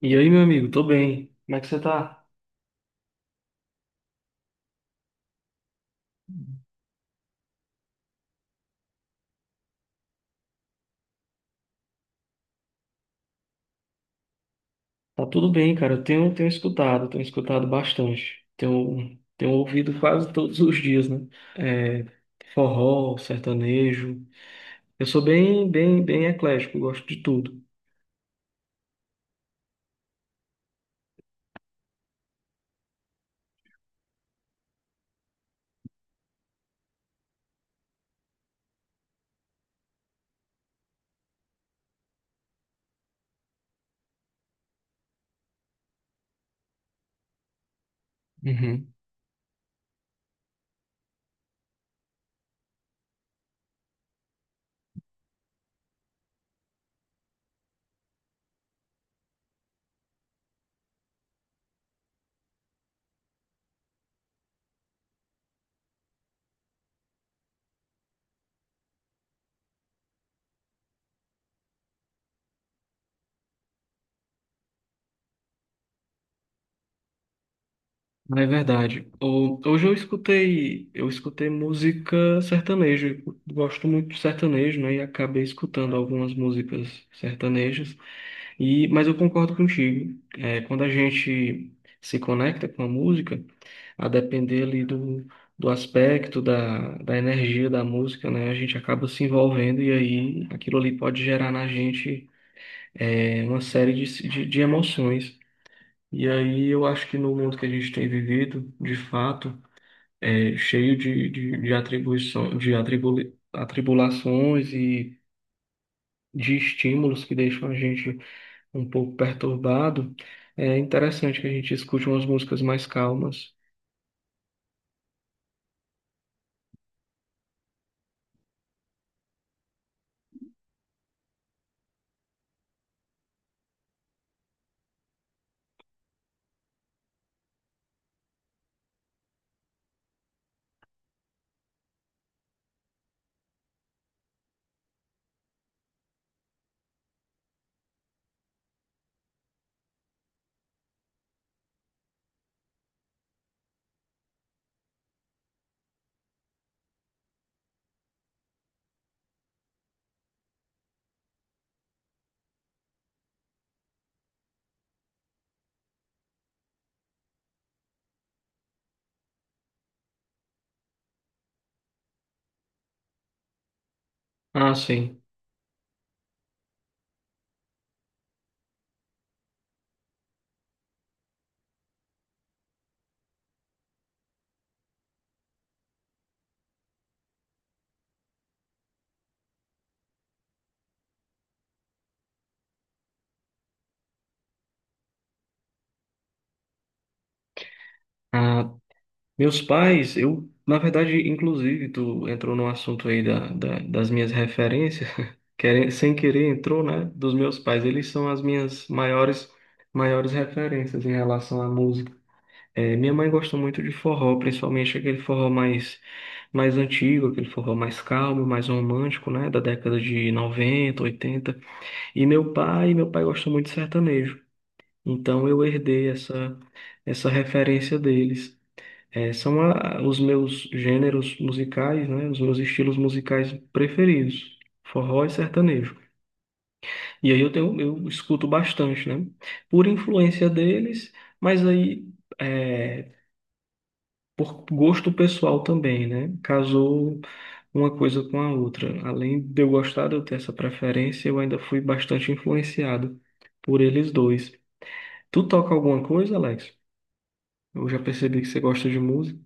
E aí, meu amigo, tô bem. Como é que você tá? Tá tudo bem, cara. Eu tenho escutado bastante. Tenho ouvido quase todos os dias, né? É, forró, sertanejo. Eu sou bem, bem, bem eclético, gosto de tudo. Não é verdade. Hoje eu escutei música sertaneja. Eu gosto muito de sertanejo, né? E acabei escutando algumas músicas sertanejas. Mas eu concordo contigo. Quando a gente se conecta com a música, a depender ali do aspecto, da energia da música, né? A gente acaba se envolvendo e aí aquilo ali pode gerar na gente, uma série de emoções. E aí eu acho que no mundo que a gente tem vivido, de fato, é cheio de atribulações e de estímulos que deixam a gente um pouco perturbado. É interessante que a gente escute umas músicas mais calmas. Ah, sim. Ah, meus pais, eu, na verdade, inclusive, tu entrou no assunto aí das minhas referências, sem querer entrou, né, dos meus pais. Eles são as minhas maiores, maiores referências em relação à música. Minha mãe gosta muito de forró, principalmente aquele forró mais antigo, aquele forró mais calmo, mais romântico, né, da década de 90, 80. E meu pai gosta muito de sertanejo. Então eu herdei essa referência deles. São os meus gêneros musicais, né? Os meus estilos musicais preferidos, forró e sertanejo. E aí eu escuto bastante, né? Por influência deles, mas aí é, por gosto pessoal também, né? Casou uma coisa com a outra. Além de eu gostar de eu ter essa preferência, eu ainda fui bastante influenciado por eles dois. Tu toca alguma coisa, Alex? Eu já percebi que você gosta de música.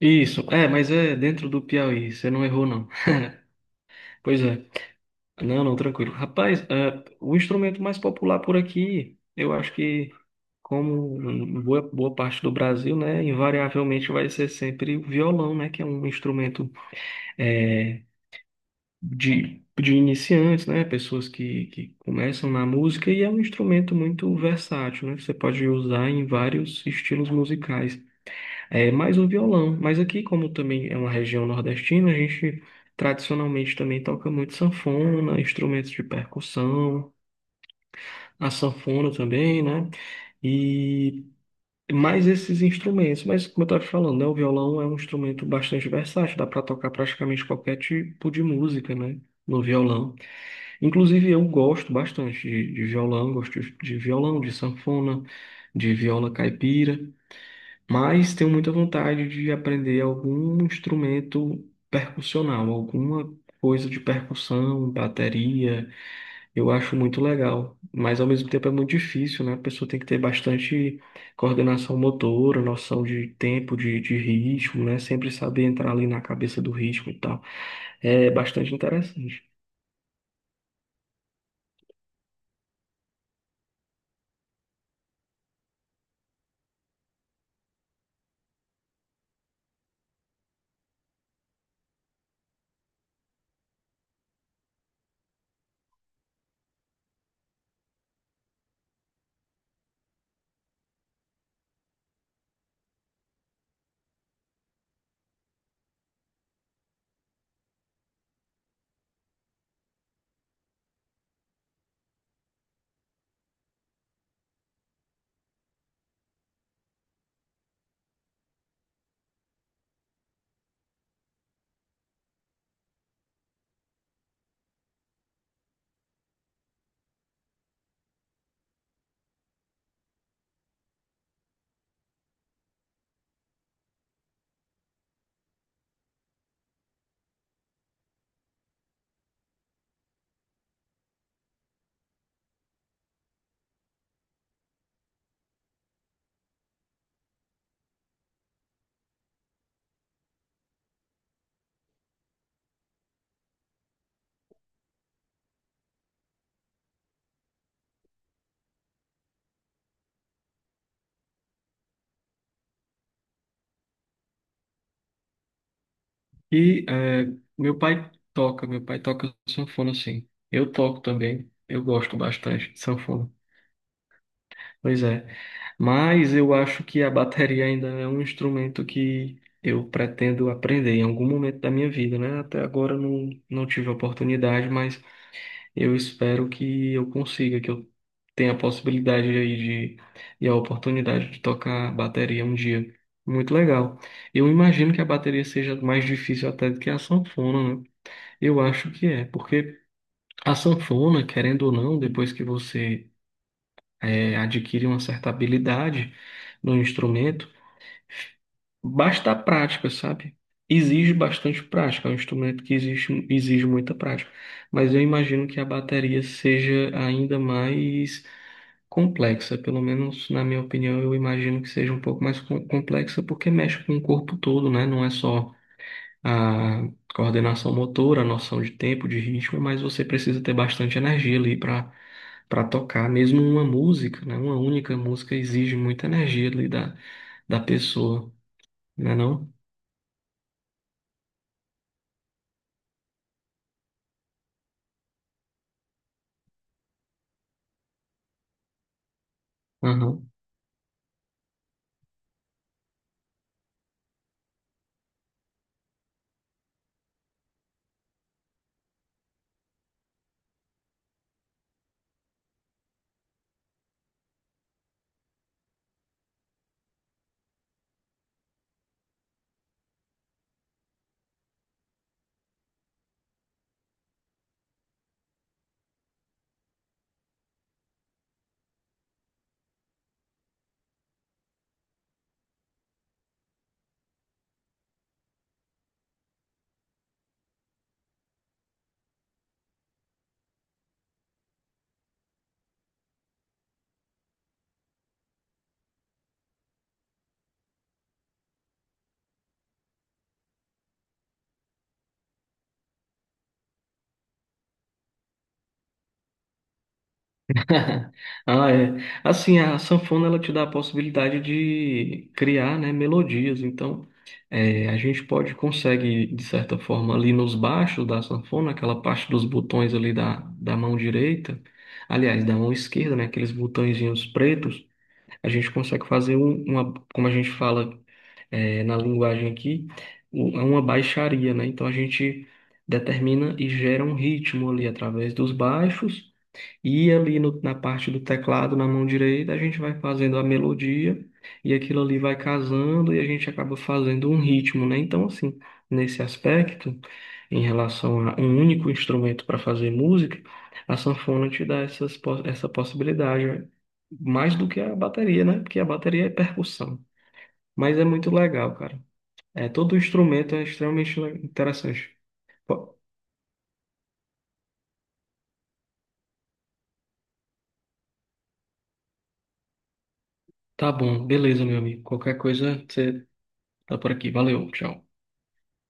Isso, é, mas é dentro do Piauí, você não errou, não. Pois é, não, não, tranquilo. Rapaz, o instrumento mais popular por aqui, eu acho que, como boa parte do Brasil, né, invariavelmente vai ser sempre o violão, né, que é um instrumento, é, de iniciantes, né, pessoas que começam na música, e é um instrumento muito versátil, né, que você pode usar em vários estilos musicais. É mais o violão. Mas aqui, como também é uma região nordestina, a gente tradicionalmente também toca muito sanfona, instrumentos de percussão, a sanfona também, né? E mais esses instrumentos. Mas como eu estava te falando, né, o violão é um instrumento bastante versátil, dá para tocar praticamente qualquer tipo de música, né? No violão. Inclusive, eu gosto bastante de violão, de sanfona, de viola caipira. Mas tenho muita vontade de aprender algum instrumento percussional, alguma coisa de percussão, bateria. Eu acho muito legal, mas ao mesmo tempo é muito difícil, né? A pessoa tem que ter bastante coordenação motora, noção de tempo, de ritmo, né? Sempre saber entrar ali na cabeça do ritmo e tal. É bastante interessante. E meu pai toca sanfona, sim. Eu toco também, eu gosto bastante de sanfona. Pois é. Mas eu acho que a bateria ainda é um instrumento que eu pretendo aprender em algum momento da minha vida, né? Até agora eu não, não tive a oportunidade, mas eu espero que eu consiga, que eu tenha a possibilidade aí de, e a oportunidade de tocar bateria um dia. Muito legal. Eu imagino que a bateria seja mais difícil até do que a sanfona, né? Eu acho que é, porque a sanfona, querendo ou não, depois que você, adquire uma certa habilidade no instrumento, basta a prática, sabe? Exige bastante prática, é um instrumento que exige muita prática. Mas eu imagino que a bateria seja ainda mais complexa, pelo menos na minha opinião. Eu imagino que seja um pouco mais complexa, porque mexe com o corpo todo, né? Não é só a coordenação motora, a noção de tempo, de ritmo, mas você precisa ter bastante energia ali para tocar. Mesmo uma música, né? Uma única música exige muita energia ali da pessoa, né não? Aham. Ah, é. Assim, a sanfona ela te dá a possibilidade de criar, né, melodias. Então, a gente pode consegue de certa forma ali nos baixos da sanfona, aquela parte dos botões ali da mão direita, aliás, da mão esquerda, né, aqueles botõezinhos pretos. A gente consegue fazer uma, como a gente fala, na linguagem aqui, uma baixaria, né? Então a gente determina e gera um ritmo ali através dos baixos, e ali na parte do teclado, na mão direita, a gente vai fazendo a melodia, e aquilo ali vai casando e a gente acaba fazendo um ritmo, né? Então, assim, nesse aspecto, em relação a um único instrumento para fazer música, a sanfona te dá essa possibilidade, mais do que a bateria, né? Porque a bateria é percussão. Mas é muito legal, cara. Todo instrumento é extremamente interessante. Pô, tá bom, beleza, meu amigo. Qualquer coisa, você tá por aqui. Valeu, tchau.